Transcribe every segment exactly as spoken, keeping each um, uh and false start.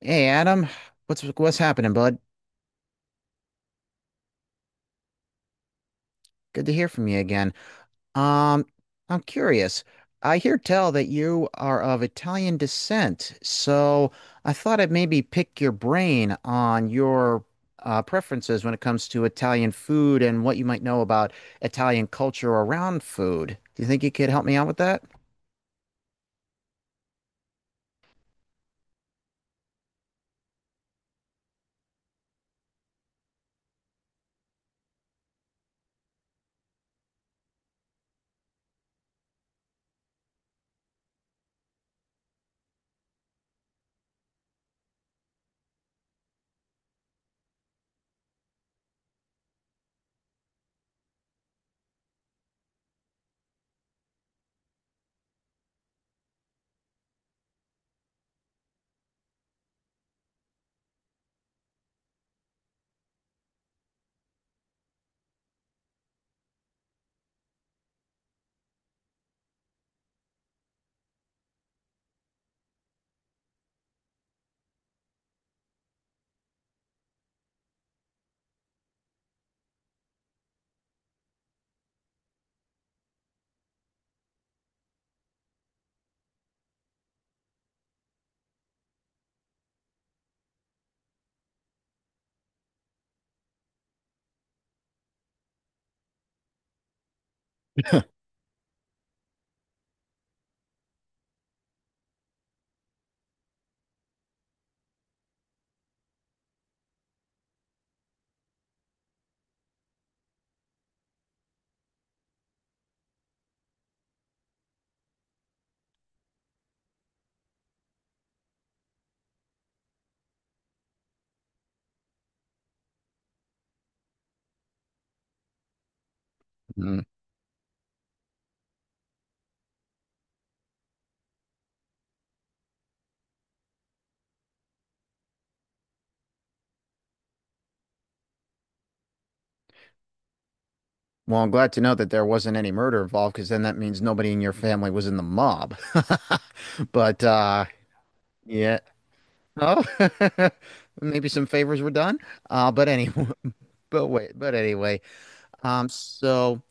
Hey Adam, what's what's happening, bud? Good to hear from you again. Um, I'm curious. I hear tell that you are of Italian descent, so I thought I'd maybe pick your brain on your uh, preferences when it comes to Italian food and what you might know about Italian culture around food. Do you think you could help me out with that? Mm. Well, I'm glad to know that there wasn't any murder involved, because then that means nobody in your family was in the mob. But uh, yeah. Oh, maybe some favors were done. Uh, but anyway, but wait, but anyway. Um, so,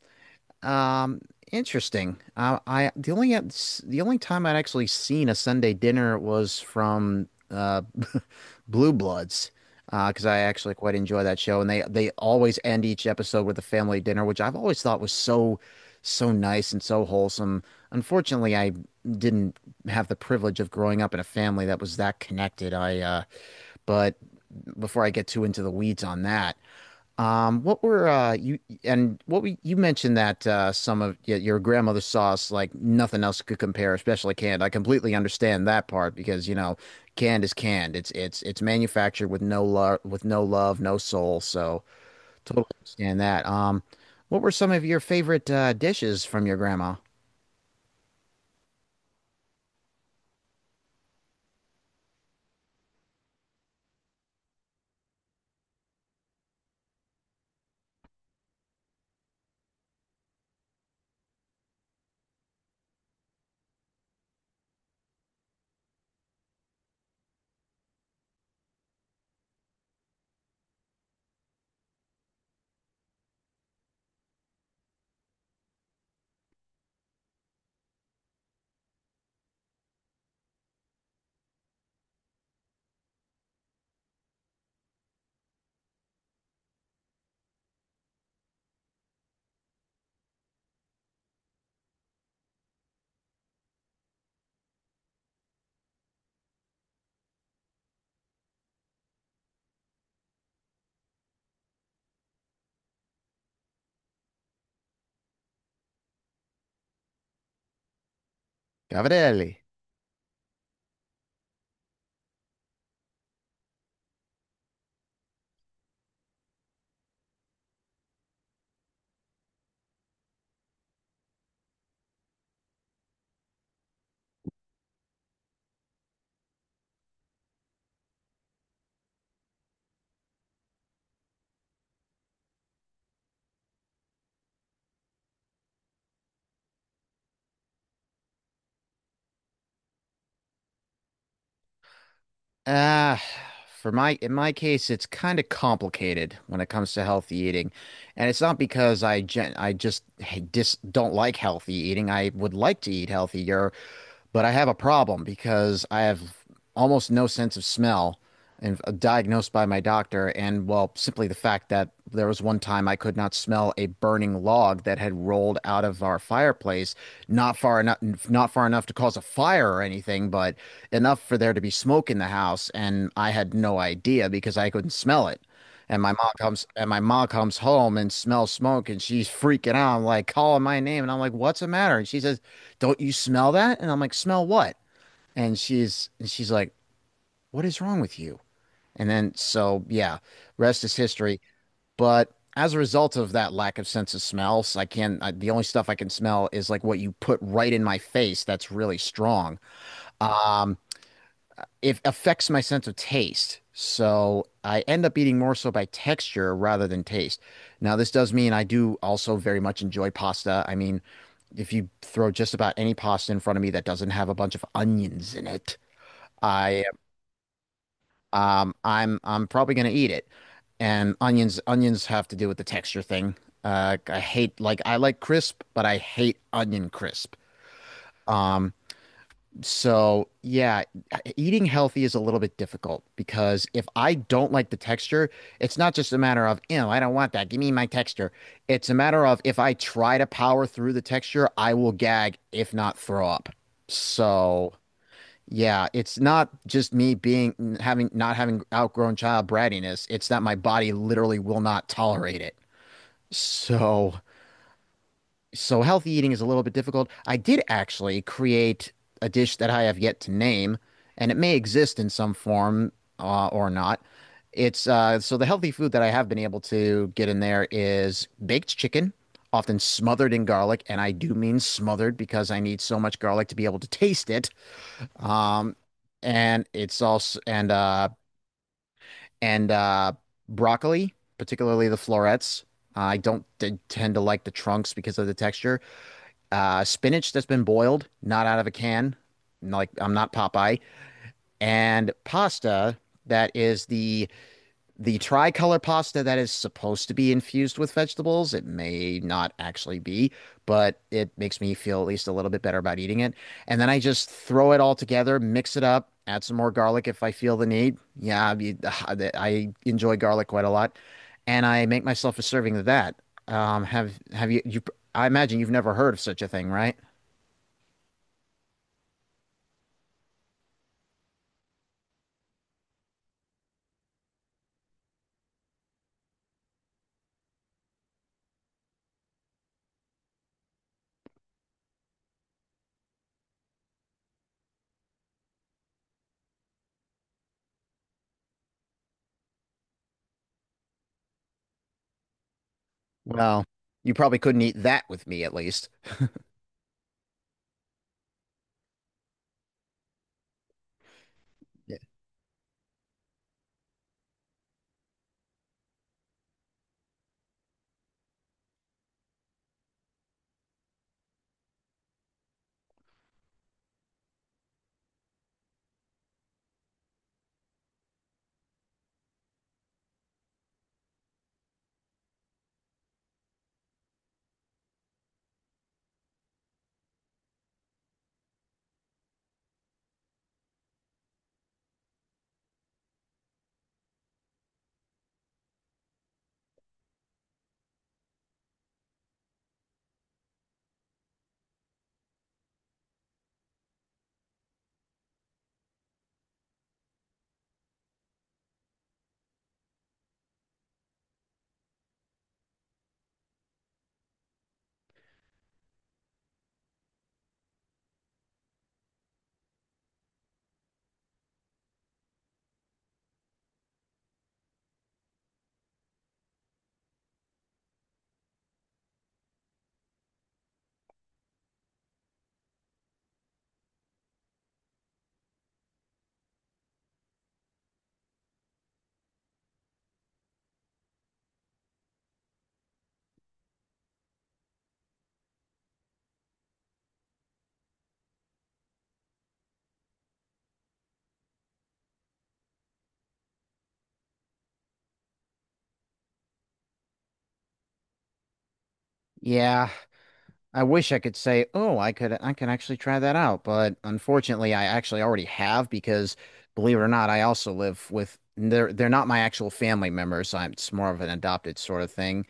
um, interesting. Uh, I the only the only time I'd actually seen a Sunday dinner was from uh Blue Bloods, uh, because I actually quite enjoy that show, and they they always end each episode with a family dinner, which I've always thought was so so nice and so wholesome. Unfortunately, I didn't have the privilege of growing up in a family that was that connected. I uh, but before I get too into the weeds on that. Um, what were uh, you and what we you mentioned that uh, some of your grandmother's sauce like nothing else could compare, especially canned. I completely understand that part because you know canned is canned. It's it's it's manufactured with no love, with no love, no soul. So totally understand that. Um, what were some of your favorite uh, dishes from your grandma? Cavatelli. Uh, for my in my case, it's kind of complicated when it comes to healthy eating, and it's not because I gen I just h- dis don't like healthy eating. I would like to eat healthier, but I have a problem because I have almost no sense of smell and uh, diagnosed by my doctor. And well, simply the fact that there was one time I could not smell a burning log that had rolled out of our fireplace, not far enough, not far enough to cause a fire or anything, but enough for there to be smoke in the house. And I had no idea because I couldn't smell it. And my mom comes and my mom comes home and smells smoke and she's freaking out. I'm like calling my name and I'm like, "What's the matter?" And she says, "Don't you smell that?" And I'm like, "Smell what?" And she's and she's like, "What is wrong with you?" And then so yeah, rest is history. But as a result of that lack of sense of smells, I can I, the only stuff I can smell is like what you put right in my face that's really strong. Um, it affects my sense of taste. So I end up eating more so by texture rather than taste. Now, this does mean I do also very much enjoy pasta. I mean, if you throw just about any pasta in front of me that doesn't have a bunch of onions in it, I um I'm I'm probably gonna eat it. And onions onions have to do with the texture thing. Uh, I hate like I like crisp, but I hate onion crisp. Um, So, yeah, eating healthy is a little bit difficult because if I don't like the texture, it's not just a matter of, ew, I don't want that. Give me my texture. It's a matter of if I try to power through the texture, I will gag, if not throw up. So, yeah, it's not just me being having not having outgrown child brattiness. It's that my body literally will not tolerate it. So, so healthy eating is a little bit difficult. I did actually create a dish that I have yet to name, and it may exist in some form uh, or not. It's uh, so the healthy food that I have been able to get in there is baked chicken, often smothered in garlic, and I do mean smothered because I need so much garlic to be able to taste it. Um, and it's also and uh, and uh, broccoli, particularly the florets. I don't t- tend to like the trunks because of the texture uh, spinach that's been boiled, not out of a can. Like I'm not Popeye, and pasta that is the the tricolor pasta that is supposed to be infused with vegetables. It may not actually be, but it makes me feel at least a little bit better about eating it. And then I just throw it all together, mix it up, add some more garlic if I feel the need. Yeah, I I enjoy garlic quite a lot, and I make myself a serving of that. Um, have have you you? I imagine you've never heard of such a thing, right? Well, you probably couldn't eat that with me at least. Y- Yeah, I wish I could say, "Oh, I could I can actually try that out," but unfortunately, I actually already have because believe it or not, I also live with they're they're not my actual family members. So I'm it's more of an adopted sort of thing.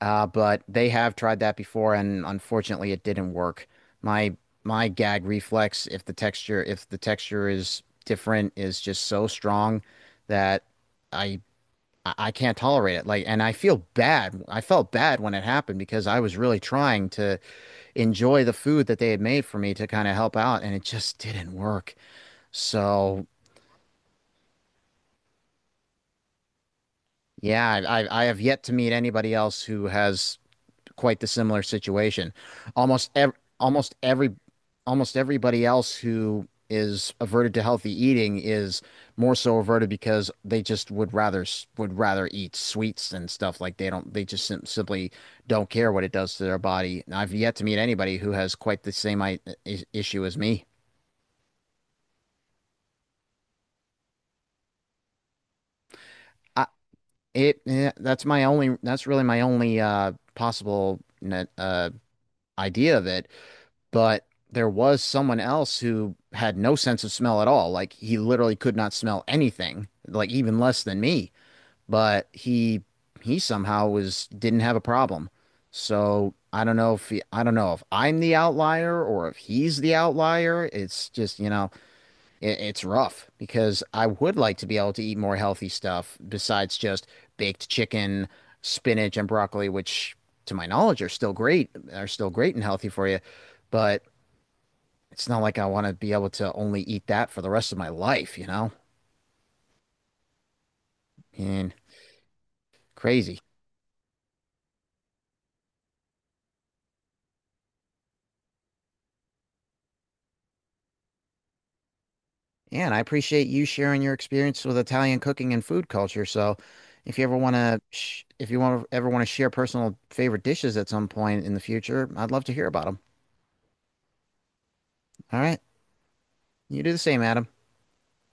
Uh, but they have tried that before and unfortunately it didn't work. My my gag reflex if the texture if the texture is different is just so strong that I I, I can't tolerate it. Like, and I feel bad. I felt bad when it happened because I was really trying to enjoy the food that they had made for me to kind of help out, and it just didn't work. So, yeah, I, I have yet to meet anybody else who has quite the similar situation. Almost ev almost every Almost everybody else who is averted to healthy eating is more so averted because they just would rather would rather eat sweets and stuff like they don't they just sim simply don't care what it does to their body. And I've yet to meet anybody who has quite the same I i- issue as me. I it Yeah, that's my only that's really my only uh possible net, uh idea of it, but there was someone else who had no sense of smell at all. Like he literally could not smell anything, like even less than me. But he he somehow was didn't have a problem. So I don't know if he, I don't know if I'm the outlier or if he's the outlier. It's just, you know, it, it's rough because I would like to be able to eat more healthy stuff besides just baked chicken, spinach, and broccoli, which to my knowledge are still great, are still great and healthy for you. But it's not like I want to be able to only eat that for the rest of my life, you know? And crazy. Yeah, and I appreciate you sharing your experience with Italian cooking and food culture. So, if you ever want to, sh if you want ever want to share personal favorite dishes at some point in the future, I'd love to hear about them. All right, you do the same, Adam.